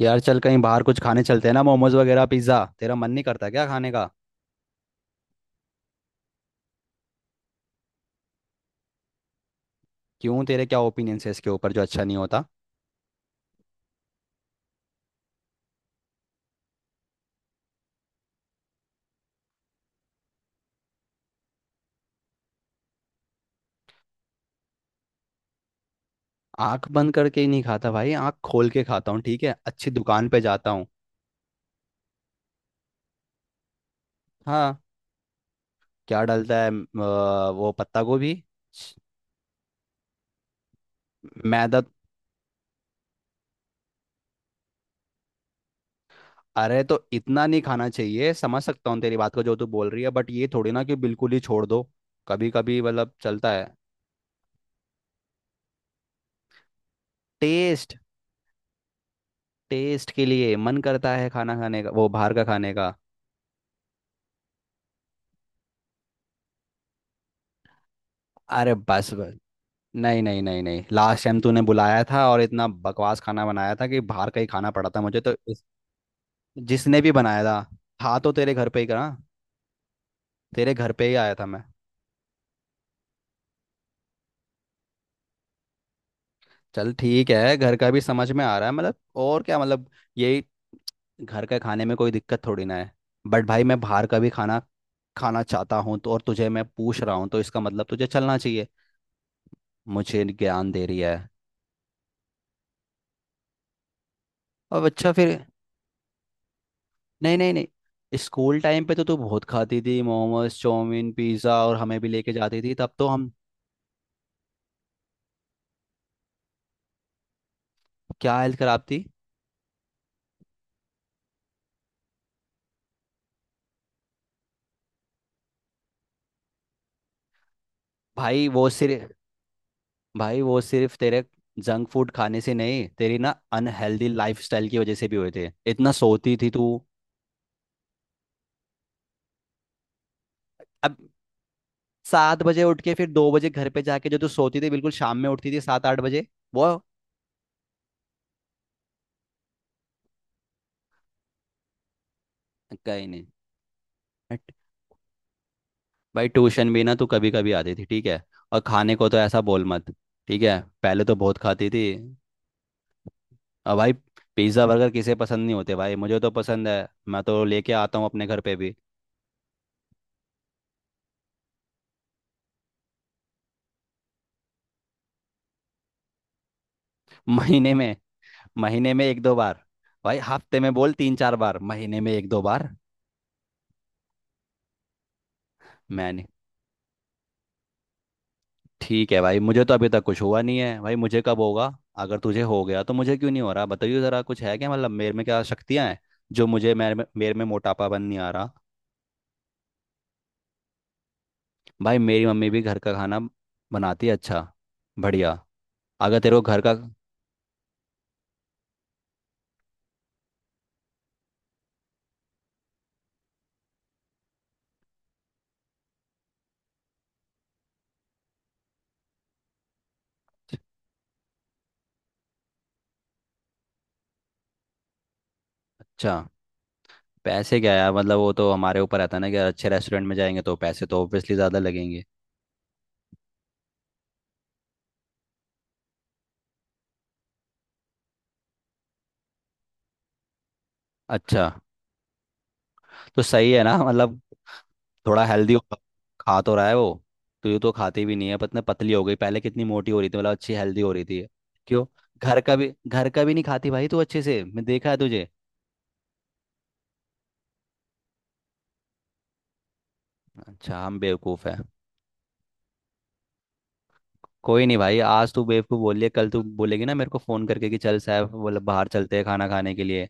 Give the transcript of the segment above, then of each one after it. यार, चल कहीं बाहर कुछ खाने चलते हैं ना। मोमोज वगैरह, पिज्ज़ा। तेरा मन नहीं करता क्या खाने का? क्यों, तेरे क्या ओपिनियंस है इसके ऊपर, जो अच्छा नहीं होता? आंख बंद करके ही नहीं खाता भाई, आंख खोल के खाता हूँ। ठीक है, अच्छी दुकान पे जाता हूँ। हाँ। क्या डलता है? वो पत्ता गोभी। छ, मैदा तो, अरे, तो इतना नहीं खाना चाहिए, समझ सकता हूँ तेरी बात को जो तू बोल रही है। बट ये थोड़ी ना कि बिल्कुल ही छोड़ दो। कभी कभी मतलब चलता है। टेस्ट। टेस्ट के लिए मन करता है खाना खाने का, वो बाहर का खाने का। अरे, बस बस। नहीं नहीं नहीं नहीं, लास्ट टाइम तूने बुलाया था और इतना बकवास खाना बनाया था कि बाहर का ही खाना पड़ा था मुझे तो जिसने भी बनाया था। था तो तेरे घर पे ही करा। तेरे घर पे ही आया था मैं। चल ठीक है, घर का भी समझ में आ रहा है मतलब। और क्या मतलब? यही। घर का खाने में कोई दिक्कत थोड़ी ना है। बट भाई, मैं बाहर का भी खाना खाना चाहता हूँ तो, और तुझे मैं पूछ रहा हूँ तो इसका मतलब तुझे चलना चाहिए। मुझे ज्ञान दे रही है। अब अच्छा, फिर। नहीं नहीं नहीं, स्कूल टाइम पे तो तू बहुत खाती थी। मोमोज, चाउमीन, पिज्ज़ा, और हमें भी लेके जाती थी, तब तो हम। क्या हेल्थ खराब थी? भाई वो सिर्फ भाई वो सिर्फ तेरे जंक फूड खाने से नहीं, तेरी ना अनहेल्दी लाइफस्टाइल की वजह से भी हुए थे। इतना सोती थी तू। अब, 7 बजे उठ के फिर 2 बजे घर पे जाके जो तू सोती थी, बिल्कुल शाम में उठती थी 7-8 बजे। वो, कहीं नहीं। हट। भाई, ट्यूशन भी ना तू कभी कभी आती थी, ठीक है। और खाने को तो ऐसा बोल मत। ठीक है, पहले तो बहुत खाती थी। अब भाई, पिज्ज़ा, बर्गर किसे पसंद नहीं होते भाई? मुझे तो पसंद है, मैं तो लेके आता हूँ अपने घर पे भी। महीने में महीने में एक दो बार। भाई, हफ्ते में बोल तीन चार बार, महीने में एक दो बार। मैंने, ठीक है भाई, मुझे तो अभी तक कुछ हुआ नहीं है, भाई मुझे कब होगा? अगर तुझे हो गया तो मुझे क्यों नहीं हो रहा? बताइए ज़रा, कुछ है क्या मतलब, मेरे में क्या शक्तियाँ हैं जो मुझे मेरे में मोटापापन नहीं आ रहा। भाई, मेरी मम्मी भी घर का खाना बनाती है, अच्छा बढ़िया। अगर तेरे को घर का, अच्छा, पैसे क्या यार, मतलब वो तो हमारे ऊपर रहता है ना कि अच्छे रेस्टोरेंट में जाएंगे तो पैसे तो ऑब्वियसली ज़्यादा लगेंगे। अच्छा, तो सही है ना मतलब, थोड़ा हेल्दी हो, खा तो रहा है वो। तो ये तो खाती भी नहीं है, पतने पतली हो गई। पहले कितनी मोटी हो रही थी, मतलब अच्छी हेल्दी हो रही थी। क्यों? घर का भी नहीं खाती भाई तू, अच्छे से मैं देखा है तुझे। अच्छा, हम बेवकूफ़ है। कोई नहीं भाई, आज तू बेवकूफ़ बोल लिया, कल तू बोलेगी ना मेरे को फ़ोन करके कि चल साहब, बोले बाहर चलते हैं खाना खाने के लिए।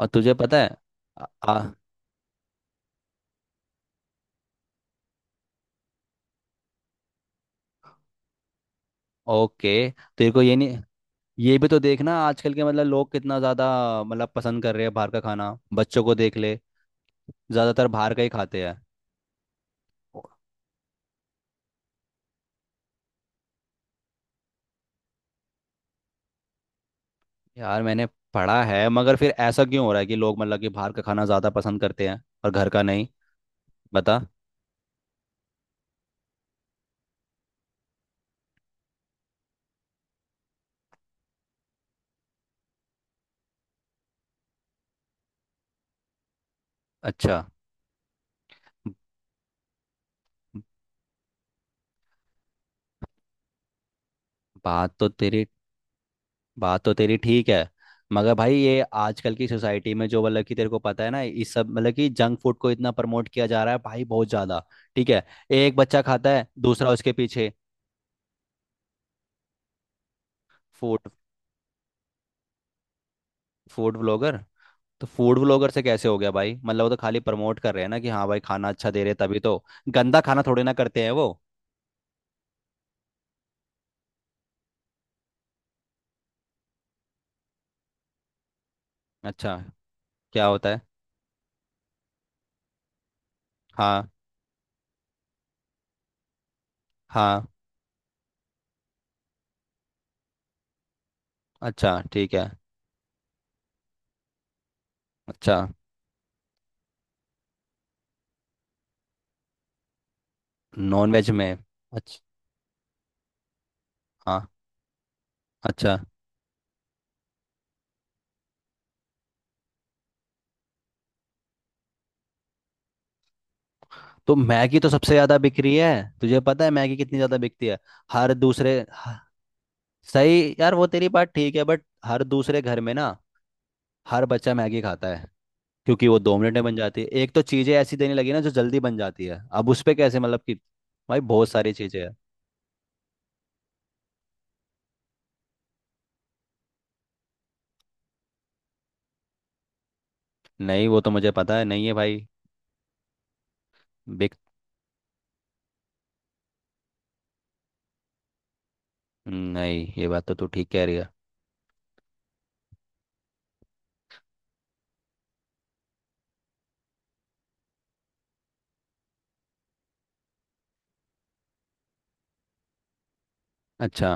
और तुझे पता है, आ, आ, ओके, तेरे को ये नहीं। ये भी तो देखना, आजकल के मतलब लोग कितना ज्यादा मतलब पसंद कर रहे हैं बाहर का खाना। बच्चों को देख ले, ज्यादातर बाहर का ही खाते हैं। यार, मैंने पढ़ा है, मगर फिर ऐसा क्यों हो रहा है कि लोग मतलब कि बाहर का खाना ज्यादा पसंद करते हैं और घर का नहीं? बता। अच्छा। ब- बात तो तेरी बात तो तेरी ठीक है। मगर भाई, ये आजकल की सोसाइटी में, जो मतलब कि तेरे को पता है ना, इस सब मतलब कि जंक फूड को इतना प्रमोट किया जा रहा है भाई, बहुत ज्यादा। ठीक है। एक बच्चा खाता है, दूसरा उसके पीछे। Food food blogger. तो फूड ब्लॉगर से कैसे हो गया भाई? मतलब वो तो खाली प्रमोट कर रहे हैं ना कि हाँ भाई, खाना अच्छा दे रहे हैं तभी तो, गंदा खाना थोड़े ना करते हैं वो। अच्छा, क्या होता है? हाँ। हाँ। अच्छा, ठीक है। अच्छा। नॉन वेज में? अच्छा। हाँ। अच्छा। तो मैगी तो सबसे ज्यादा बिक रही है। तुझे पता है मैगी कितनी ज्यादा बिकती है। हर दूसरे सही यार, वो तेरी बात ठीक है, बट हर दूसरे घर में ना, हर बच्चा मैगी खाता है। क्योंकि वो 2 मिनट में बन जाती है, एक तो चीजें ऐसी देने लगी ना जो जल्दी बन जाती है, अब उस पे कैसे मतलब कि, भाई बहुत सारी चीजें हैं। नहीं, वो तो मुझे पता है नहीं है भाई। बिग, नहीं, ये बात तो तू ठीक कह रही है। अच्छा।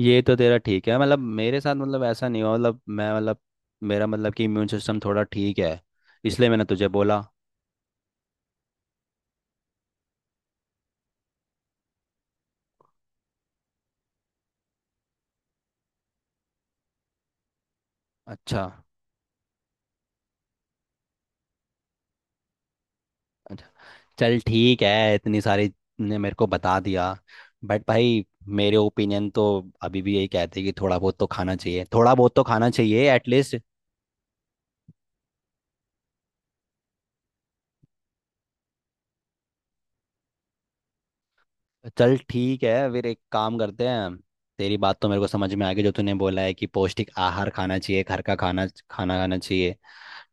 ये तो तेरा ठीक है मतलब, मेरे साथ मतलब ऐसा नहीं हुआ, मतलब मैं मतलब, मेरा मतलब कि इम्यून सिस्टम थोड़ा ठीक है, इसलिए मैंने तुझे बोला। अच्छा। अच्छा। चल ठीक है, इतनी सारी ने मेरे को बता दिया। बट भाई, मेरे ओपिनियन तो अभी भी यही कहते हैं कि थोड़ा बहुत तो खाना चाहिए, थोड़ा बहुत तो खाना चाहिए एटलीस्ट। चल ठीक है, फिर एक काम करते हैं। तेरी बात तो मेरे को समझ में आ गई, जो तूने बोला है कि पौष्टिक आहार खाना चाहिए, घर का खाना खाना खाना चाहिए।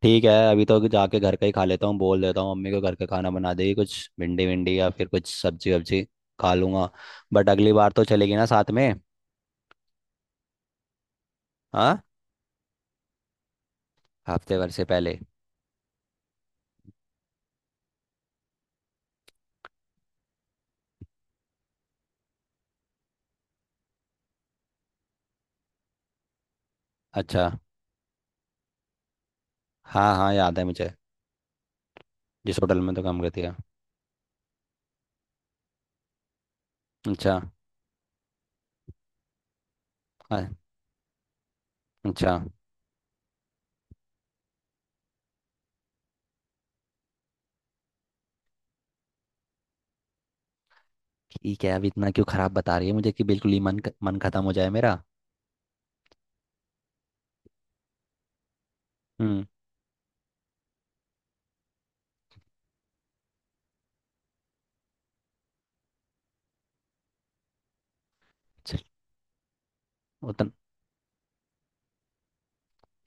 ठीक है, अभी तो जाके घर का ही खा लेता हूँ, बोल देता हूँ मम्मी को घर का खाना बना देगी कुछ भिंडी विंडी या फिर कुछ सब्जी वब्जी, खा लूंगा। बट अगली बार तो चलेगी ना साथ में? हाँ, हफ्ते भर से पहले। अच्छा। हाँ हाँ, याद है मुझे। जिस होटल में तो काम करती है। अच्छा। अ- अच्छा। ठीक है, अब इतना क्यों खराब बता रही है मुझे कि बिल्कुल ही मन खत्म हो जाए मेरा? हम्म। चल, उतन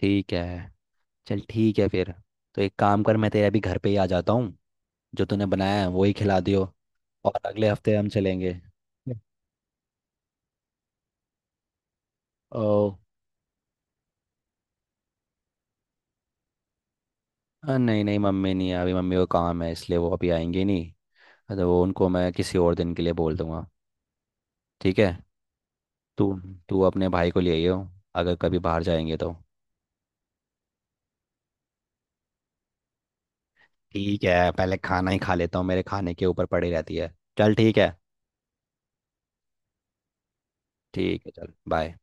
ठीक है। चल ठीक है, फिर तो एक काम कर, मैं तेरे अभी घर पे ही आ जाता हूँ। जो तूने बनाया है वही खिला दियो। और अगले हफ्ते हम चलेंगे। ओ। नहीं नहीं, मम्मी नहीं है, अभी मम्मी को काम है, इसलिए वो अभी आएंगे नहीं। तो वो उनको मैं किसी और दिन के लिए बोल दूंगा। ठीक है। तू तू अपने भाई को ले आइयो, अगर कभी बाहर जाएंगे तो। ठीक है, पहले खाना ही खा लेता हूँ, मेरे खाने के ऊपर पड़ी रहती है। चल ठीक है। ठीक है, चल बाय।